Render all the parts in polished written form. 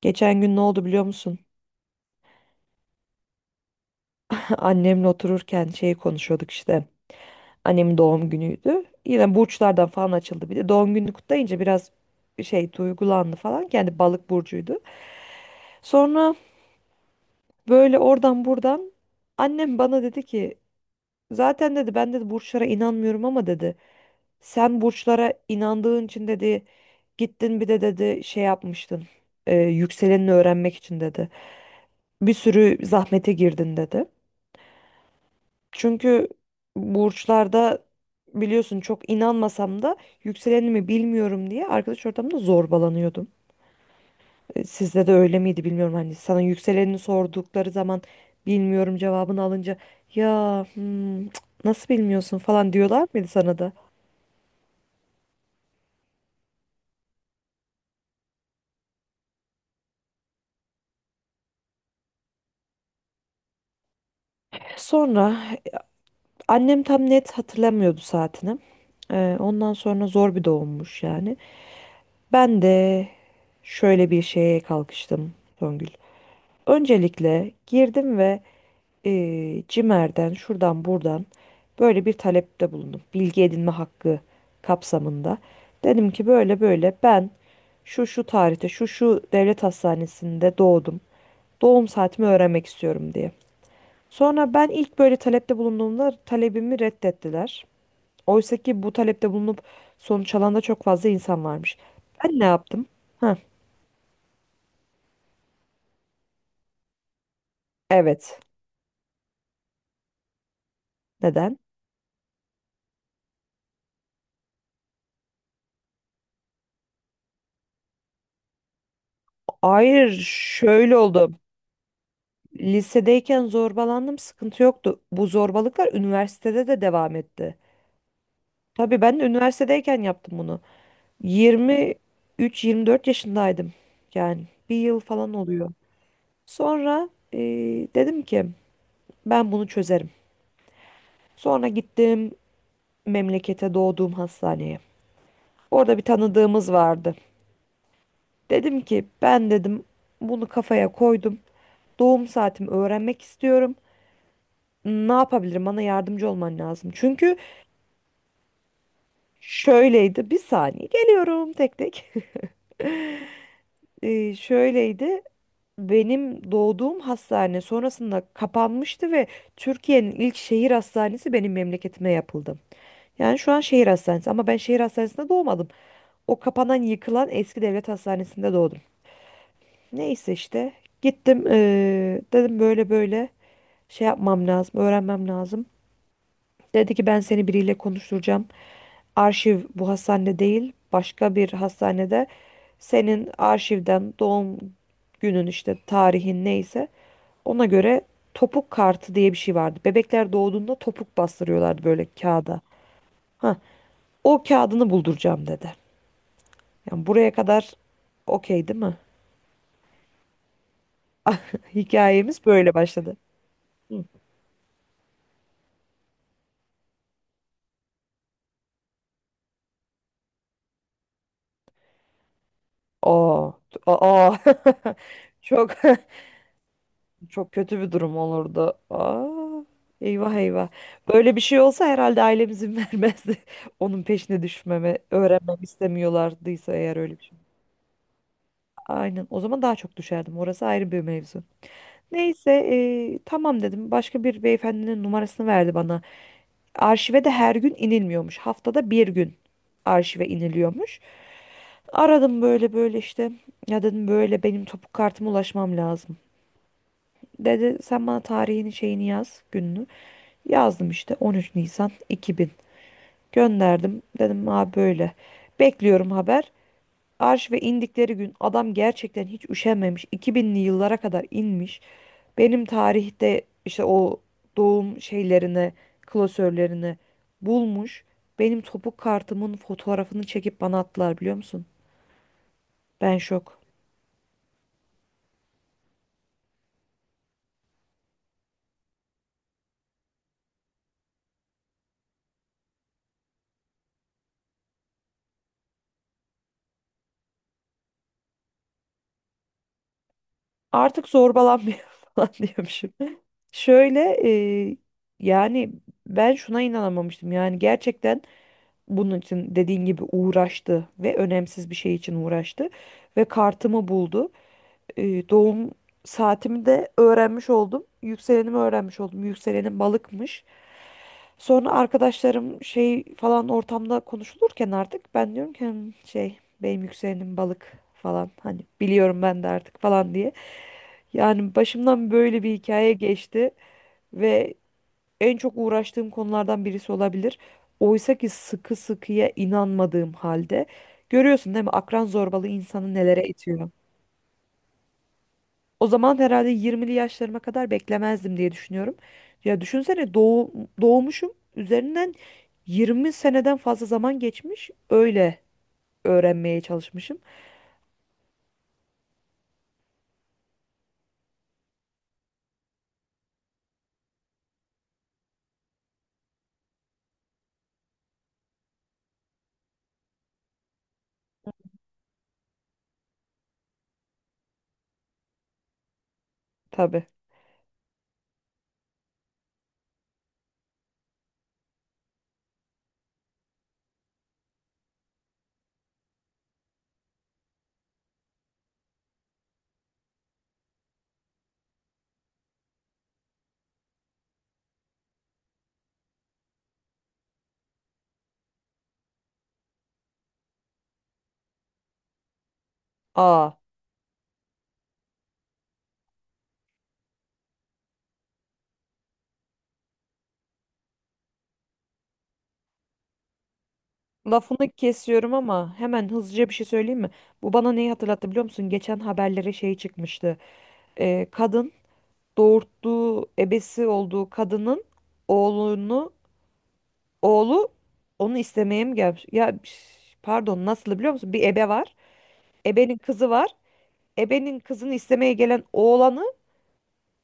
Geçen gün ne oldu biliyor musun? Annemle otururken şey konuşuyorduk işte. Annemin doğum günüydü. Yine burçlardan falan açıldı bir de. Doğum gününü kutlayınca biraz şey duygulandı falan. Kendi balık burcuydu. Sonra böyle oradan buradan annem bana dedi ki zaten dedi ben dedi burçlara inanmıyorum ama dedi sen burçlara inandığın için dedi gittin bir de dedi şey yapmıştın. Yükselenini öğrenmek için dedi. Bir sürü zahmete girdin dedi. Çünkü burçlarda biliyorsun çok inanmasam da yükselenimi bilmiyorum diye arkadaş ortamında zorbalanıyordum. Sizde de öyle miydi bilmiyorum. Hani sana yükselenini sordukları zaman bilmiyorum cevabını alınca ya hmm, cık, nasıl bilmiyorsun falan diyorlar mıydı sana da? Sonra annem tam net hatırlamıyordu saatini. Ondan sonra zor bir doğummuş yani. Ben de şöyle bir şeye kalkıştım Songül. Öncelikle girdim ve CİMER'den şuradan buradan böyle bir talepte bulundum. Bilgi edinme hakkı kapsamında. Dedim ki böyle böyle ben şu şu tarihte şu şu devlet hastanesinde doğdum. Doğum saatimi öğrenmek istiyorum diye. Sonra ben ilk böyle talepte bulunduğumda talebimi reddettiler. Oysa ki bu talepte bulunup sonuç alan da çok fazla insan varmış. Ben ne yaptım? Heh, evet. Neden? Hayır, şöyle oldu. Lisedeyken zorbalandım, sıkıntı yoktu. Bu zorbalıklar üniversitede de devam etti. Tabii ben de üniversitedeyken yaptım bunu. 23-24 yaşındaydım. Yani bir yıl falan oluyor. Sonra dedim ki ben bunu çözerim. Sonra gittim memlekete doğduğum hastaneye. Orada bir tanıdığımız vardı. Dedim ki ben dedim bunu kafaya koydum. Doğum saatimi öğrenmek istiyorum. Ne yapabilirim? Bana yardımcı olman lazım. Çünkü. Şöyleydi. Bir saniye geliyorum tek tek. Şöyleydi. Benim doğduğum hastane sonrasında kapanmıştı ve Türkiye'nin ilk şehir hastanesi benim memleketime yapıldı. Yani şu an şehir hastanesi ama ben şehir hastanesinde doğmadım. O kapanan, yıkılan eski devlet hastanesinde doğdum. Neyse işte gittim, dedim böyle böyle şey yapmam lazım, öğrenmem lazım. Dedi ki ben seni biriyle konuşturacağım. Arşiv bu hastane değil, başka bir hastanede senin arşivden doğum günün işte tarihin neyse ona göre topuk kartı diye bir şey vardı. Bebekler doğduğunda topuk bastırıyorlardı böyle kağıda. Ha, o kağıdını bulduracağım dedi. Yani buraya kadar okey değil mi? Hikayemiz böyle başladı. Hı. Aa, aa. Çok çok kötü bir durum olurdu. Aa, eyvah eyvah. Böyle bir şey olsa herhalde ailem izin vermezdi. Onun peşine düşmeme, öğrenmemi istemiyorlardıysa eğer öyle bir şey. Aynen. O zaman daha çok düşerdim. Orası ayrı bir mevzu. Neyse, tamam dedim. Başka bir beyefendinin numarasını verdi bana. Arşive de her gün inilmiyormuş. Haftada bir gün arşive iniliyormuş. Aradım böyle böyle işte. Ya dedim böyle benim topuk kartıma ulaşmam lazım. Dedi sen bana tarihini şeyini yaz gününü. Yazdım işte 13 Nisan 2000. Gönderdim. Dedim abi böyle. Bekliyorum haber. Arşive indikleri gün adam gerçekten hiç üşenmemiş. 2000'li yıllara kadar inmiş. Benim tarihte işte o doğum şeylerini, klasörlerini bulmuş. Benim topuk kartımın fotoğrafını çekip bana attılar biliyor musun? Ben şok. Artık zorbalanmıyor falan diyormuşum. Şöyle, e, yani ben şuna inanamamıştım. Yani gerçekten bunun için dediğin gibi uğraştı ve önemsiz bir şey için uğraştı ve kartımı buldu. Doğum saatimi de öğrenmiş oldum. Yükselenimi öğrenmiş oldum. Yükselenim balıkmış. Sonra arkadaşlarım şey falan ortamda konuşulurken artık ben diyorum ki "Hmm, şey benim yükselenim balık falan hani biliyorum ben de artık falan" diye. Yani başımdan böyle bir hikaye geçti ve en çok uğraştığım konulardan birisi olabilir. Oysa ki sıkı sıkıya inanmadığım halde görüyorsun değil mi akran zorbalığı insanı nelere itiyor. O zaman herhalde 20'li yaşlarıma kadar beklemezdim diye düşünüyorum. Ya düşünsene, doğmuşum üzerinden 20 seneden fazla zaman geçmiş öyle öğrenmeye çalışmışım. Tabii. Aa, lafını kesiyorum ama hemen hızlıca bir şey söyleyeyim mi? Bu bana neyi hatırlattı biliyor musun? Geçen haberlere şey çıkmıştı. Kadın doğurttuğu ebesi olduğu kadının oğlunu oğlu onu istemeye mi gelmiş? Ya şş, pardon nasıl biliyor musun? Bir ebe var. Ebenin kızı var. Ebenin kızını istemeye gelen oğlanı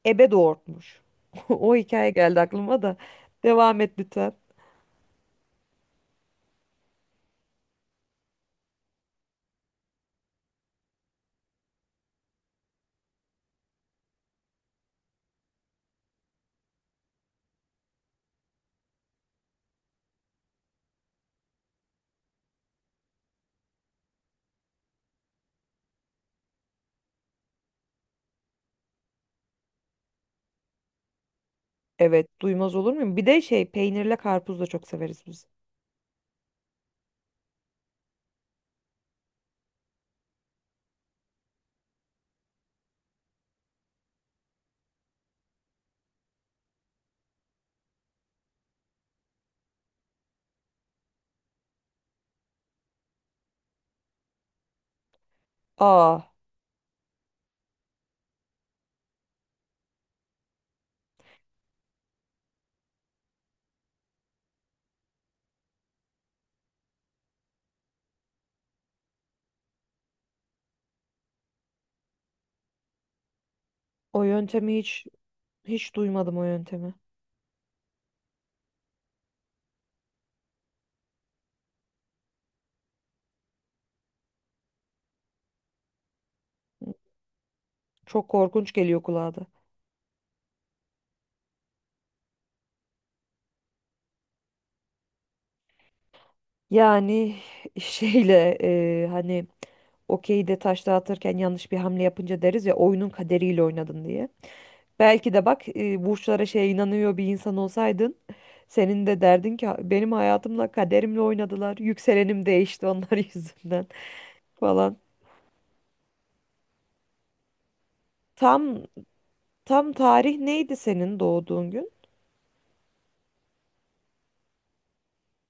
ebe doğurtmuş. O hikaye geldi aklıma da. Devam et lütfen. Evet, duymaz olur muyum? Bir de şey, peynirle karpuz da çok severiz biz. Aa, o yöntemi hiç duymadım o yöntemi. Çok korkunç geliyor kulağa da. Yani şeyle, hani okeyde taş dağıtırken yanlış bir hamle yapınca deriz ya oyunun kaderiyle oynadın diye. Belki de bak, burçlara şey inanıyor bir insan olsaydın senin de derdin ki benim hayatımla kaderimle oynadılar. Yükselenim değişti onlar yüzünden falan. Tam tam tarih neydi senin doğduğun gün?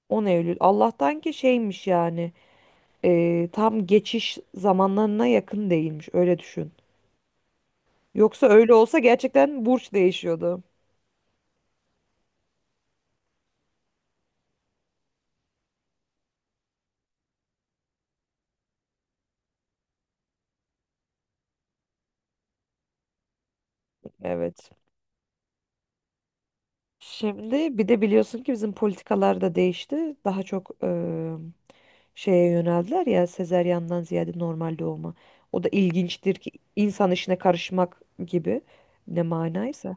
10 Eylül. Allah'tan ki şeymiş yani, tam geçiş zamanlarına yakın değilmiş öyle düşün. Yoksa öyle olsa gerçekten burç değişiyordu. Evet. Şimdi bir de biliyorsun ki bizim politikalar da değişti. Daha çok şeye yöneldiler ya sezeryandan ziyade normal doğuma. O da ilginçtir ki insan işine karışmak gibi ne manaysa.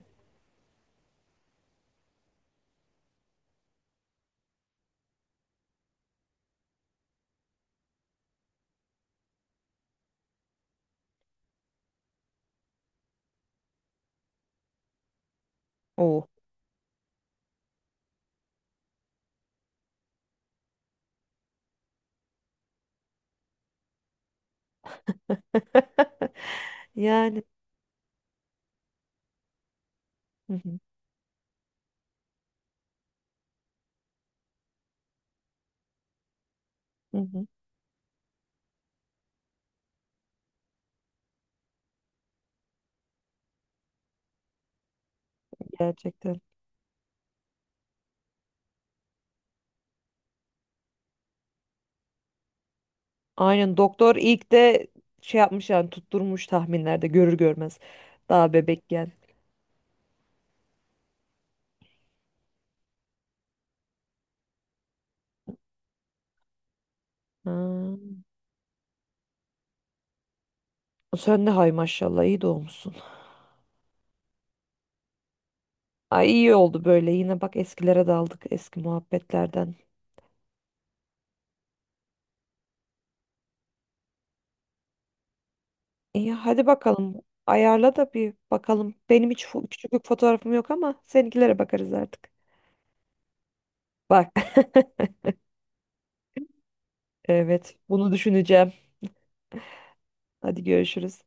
Oo. Yani hı hı, hı hı, gerçekten. Aynen doktor ilk de şey yapmış yani tutturmuş tahminlerde görür görmez. Daha bebekken. Ha. Sen de hay maşallah iyi doğmuşsun. Ay iyi oldu böyle, yine bak eskilere daldık eski muhabbetlerden. İyi hadi bakalım. Ayarla da bir bakalım. Benim hiç küçüklük fotoğrafım yok ama seninkilere bakarız artık. Bak. Evet, bunu düşüneceğim. Hadi görüşürüz.